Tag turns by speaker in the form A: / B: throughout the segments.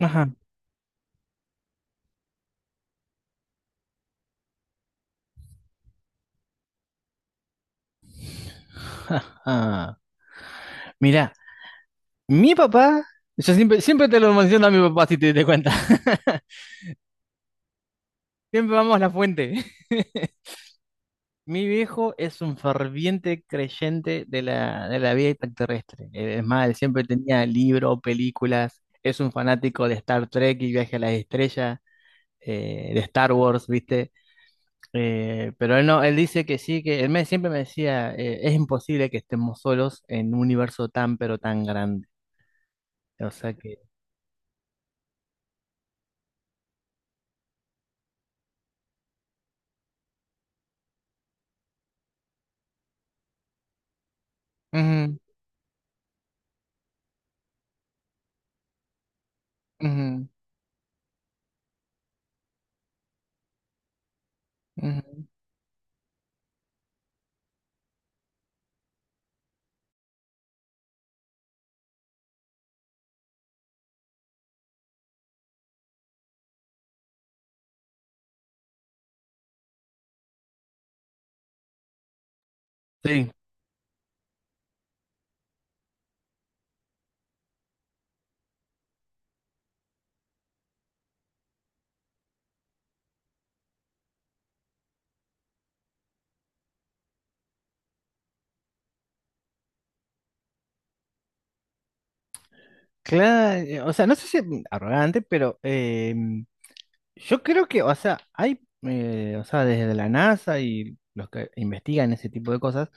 A: Ajá. Ajá. Mira, mi papá, yo siempre, siempre te lo menciono a mi papá si te diste cuenta. Siempre vamos a la fuente. Mi viejo es un ferviente creyente de la vida extraterrestre. Es más, él siempre tenía libros, películas. Es un fanático de Star Trek y Viaje a las Estrellas, de Star Wars, ¿viste? Pero él no, él dice que sí, que siempre me decía, es imposible que estemos solos en un universo tan, pero tan grande. O sea que... Ujú, ujú. Sí, claro, o sea, no sé si arrogante, pero yo creo que, o sea, o sea, desde la NASA y los que investigan ese tipo de cosas,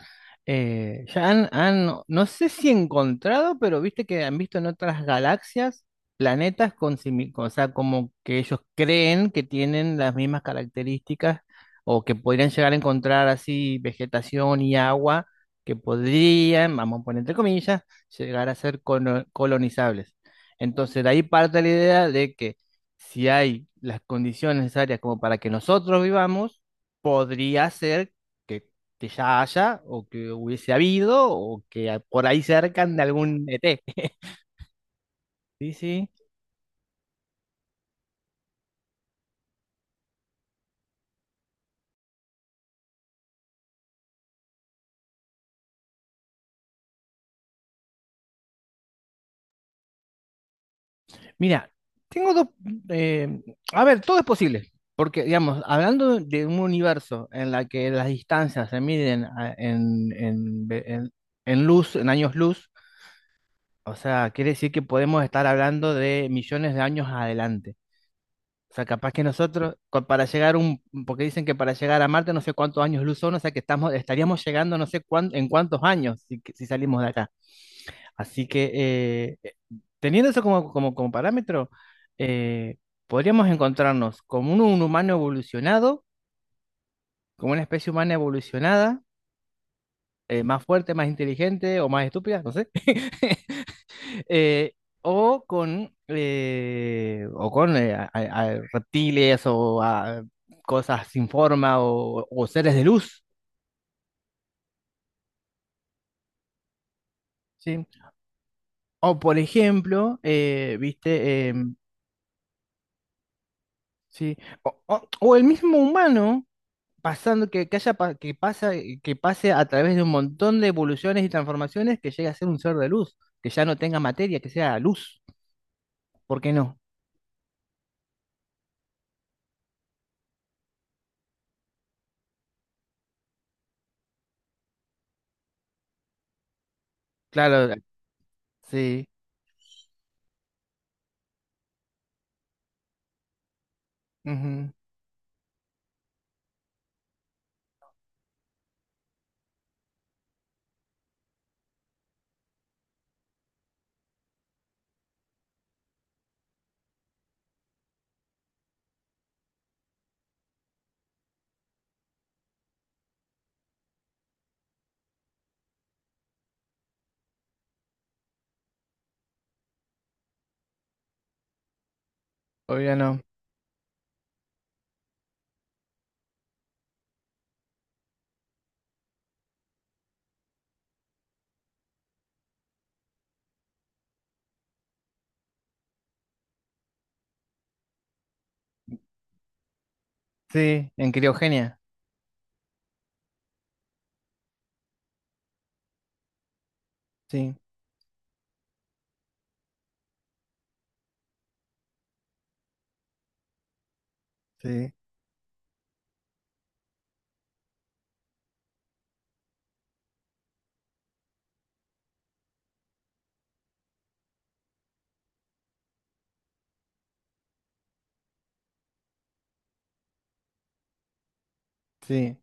A: han, no sé si encontrado, pero viste que han visto en otras galaxias planetas con o sea, como que ellos creen que tienen las mismas características o que podrían llegar a encontrar así vegetación y agua que podrían, vamos a poner entre comillas, llegar a ser colonizables. Entonces, de ahí parte la idea de que si hay las condiciones necesarias como para que nosotros vivamos, podría ser que, que ya haya o que hubiese habido o que por ahí cercan de algún ET. Sí, sí. Mira, tengo dos... eh, a ver, todo es posible. Porque, digamos, hablando de un universo en la que las distancias se miden en luz, en años luz, o sea, quiere decir que podemos estar hablando de millones de años adelante. O sea, capaz que para llegar un, porque dicen que para llegar a Marte no sé cuántos años luz son, o sea que estaríamos llegando no sé en cuántos años si, si salimos de acá. Así que teniendo eso como, como parámetro, eh, podríamos encontrarnos como un humano evolucionado, como una especie humana evolucionada, más fuerte, más inteligente o más estúpida, no sé. Eh, o con, o con a reptiles o a cosas sin forma o seres de luz, ¿sí? O por ejemplo, viste, ¿sí? O el mismo humano pasando que haya pa- que pasa, que pase a través de un montón de evoluciones y transformaciones que llegue a ser un ser de luz, que ya no tenga materia, que sea luz. ¿Por qué no? Claro, sí. Ujú, obvio no. Sí, en criogenia. Sí. Sí, sí,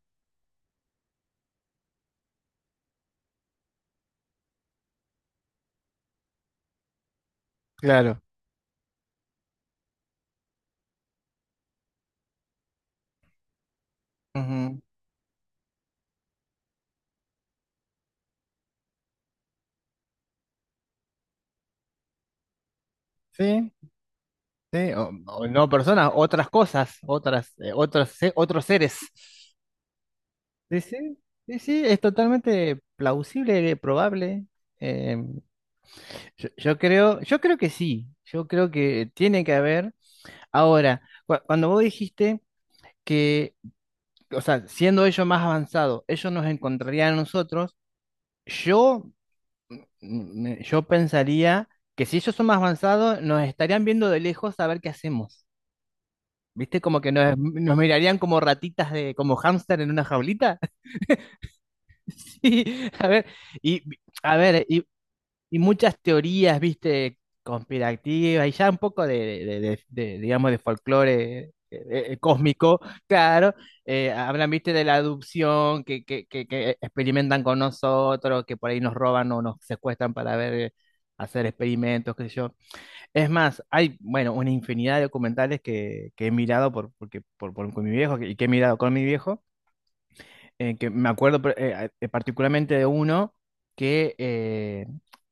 A: claro. Ujú. Sí, sí, o- no personas, otras cosas, otros seres. Sí, sí, sí, sí, es totalmente plausible, probable. Eh, yo creo que sí, yo creo que tiene que haber. Ahora, cuando vos dijiste que, o sea, siendo ellos más avanzados, ellos nos encontrarían a nosotros, yo yo pensaría que si ellos son más avanzados, nos estarían viendo de lejos a ver qué hacemos. ¿Viste? Como que nos mirarían como ratitas de, como hámster en una jaulita. Sí, a ver, y a ver, y y muchas teorías, viste, conspirativas y ya un poco de, digamos, de folclore cósmico, claro, hablan, viste, de la adopción que experimentan con nosotros, que por ahí nos roban o nos secuestran para ver, hacer experimentos, qué sé yo. Es más, hay, bueno, una infinidad de documentales que he mirado por, porque, por- con mi viejo y que he mirado con mi viejo que me acuerdo particularmente de uno que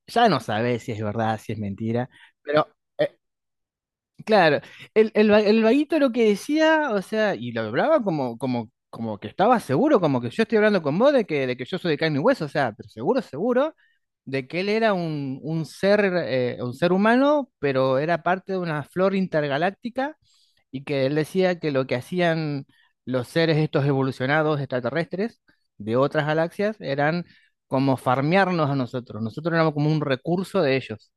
A: ya no sabe si es verdad, si es mentira, pero eh, claro, el vaguito lo que decía, o sea, y lo hablaba como, como que estaba seguro, como que yo estoy hablando con vos de que yo soy de carne y hueso, o sea, pero seguro, seguro de que él era un ser humano, pero era parte de una flor intergaláctica y que él decía que lo que hacían los seres estos evolucionados extraterrestres de otras galaxias eran como farmearnos a nosotros, nosotros éramos como un recurso de ellos.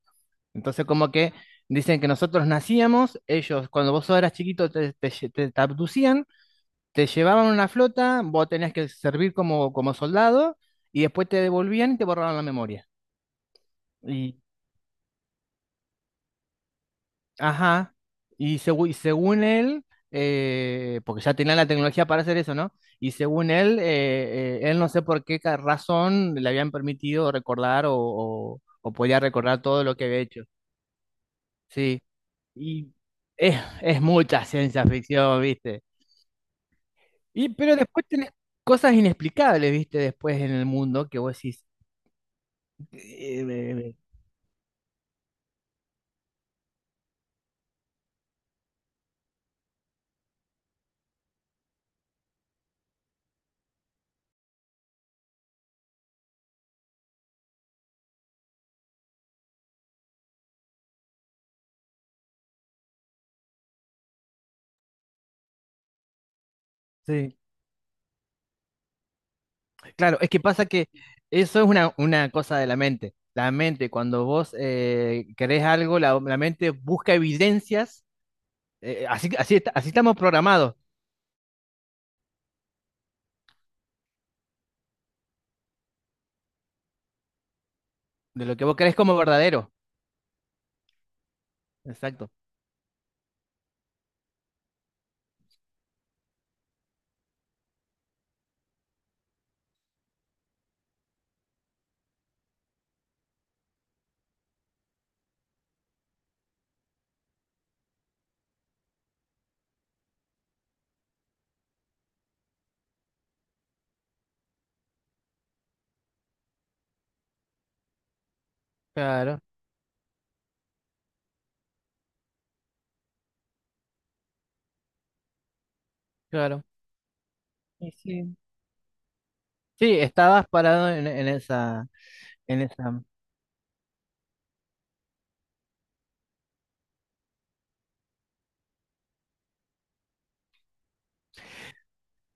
A: Entonces como que dicen que nosotros nacíamos, ellos cuando vos eras chiquito te abducían, te llevaban a una flota, vos tenías que servir como, como soldado y después te devolvían y te borraban la memoria. Ajá. Y, y según él, porque ya tenía la tecnología para hacer eso, ¿no? Y según él, él no sé por qué razón le habían permitido recordar o podía recordar todo lo que había hecho. Sí. Y es mucha ciencia ficción, ¿viste? Y, pero después tenés cosas inexplicables, ¿viste? Después en el mundo que vos decís. eh, eh, eh, sí. Claro, es que pasa que eso es una cosa de la mente. La mente, cuando vos querés algo, la mente busca evidencias. Así, así estamos programados, de lo que vos crees como verdadero. Exacto. Claro, claro. Y sí. Sí, estabas parado en esa, en esa.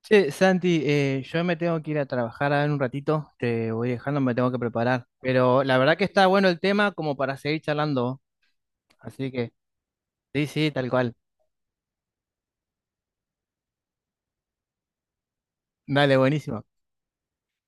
A: Sí, Santi, yo me tengo que ir a trabajar ahora en un ratito, te voy dejando, me tengo que preparar. Pero la verdad que está bueno el tema como para seguir charlando. Así que, sí, sí, tal cual. Dale, buenísimo.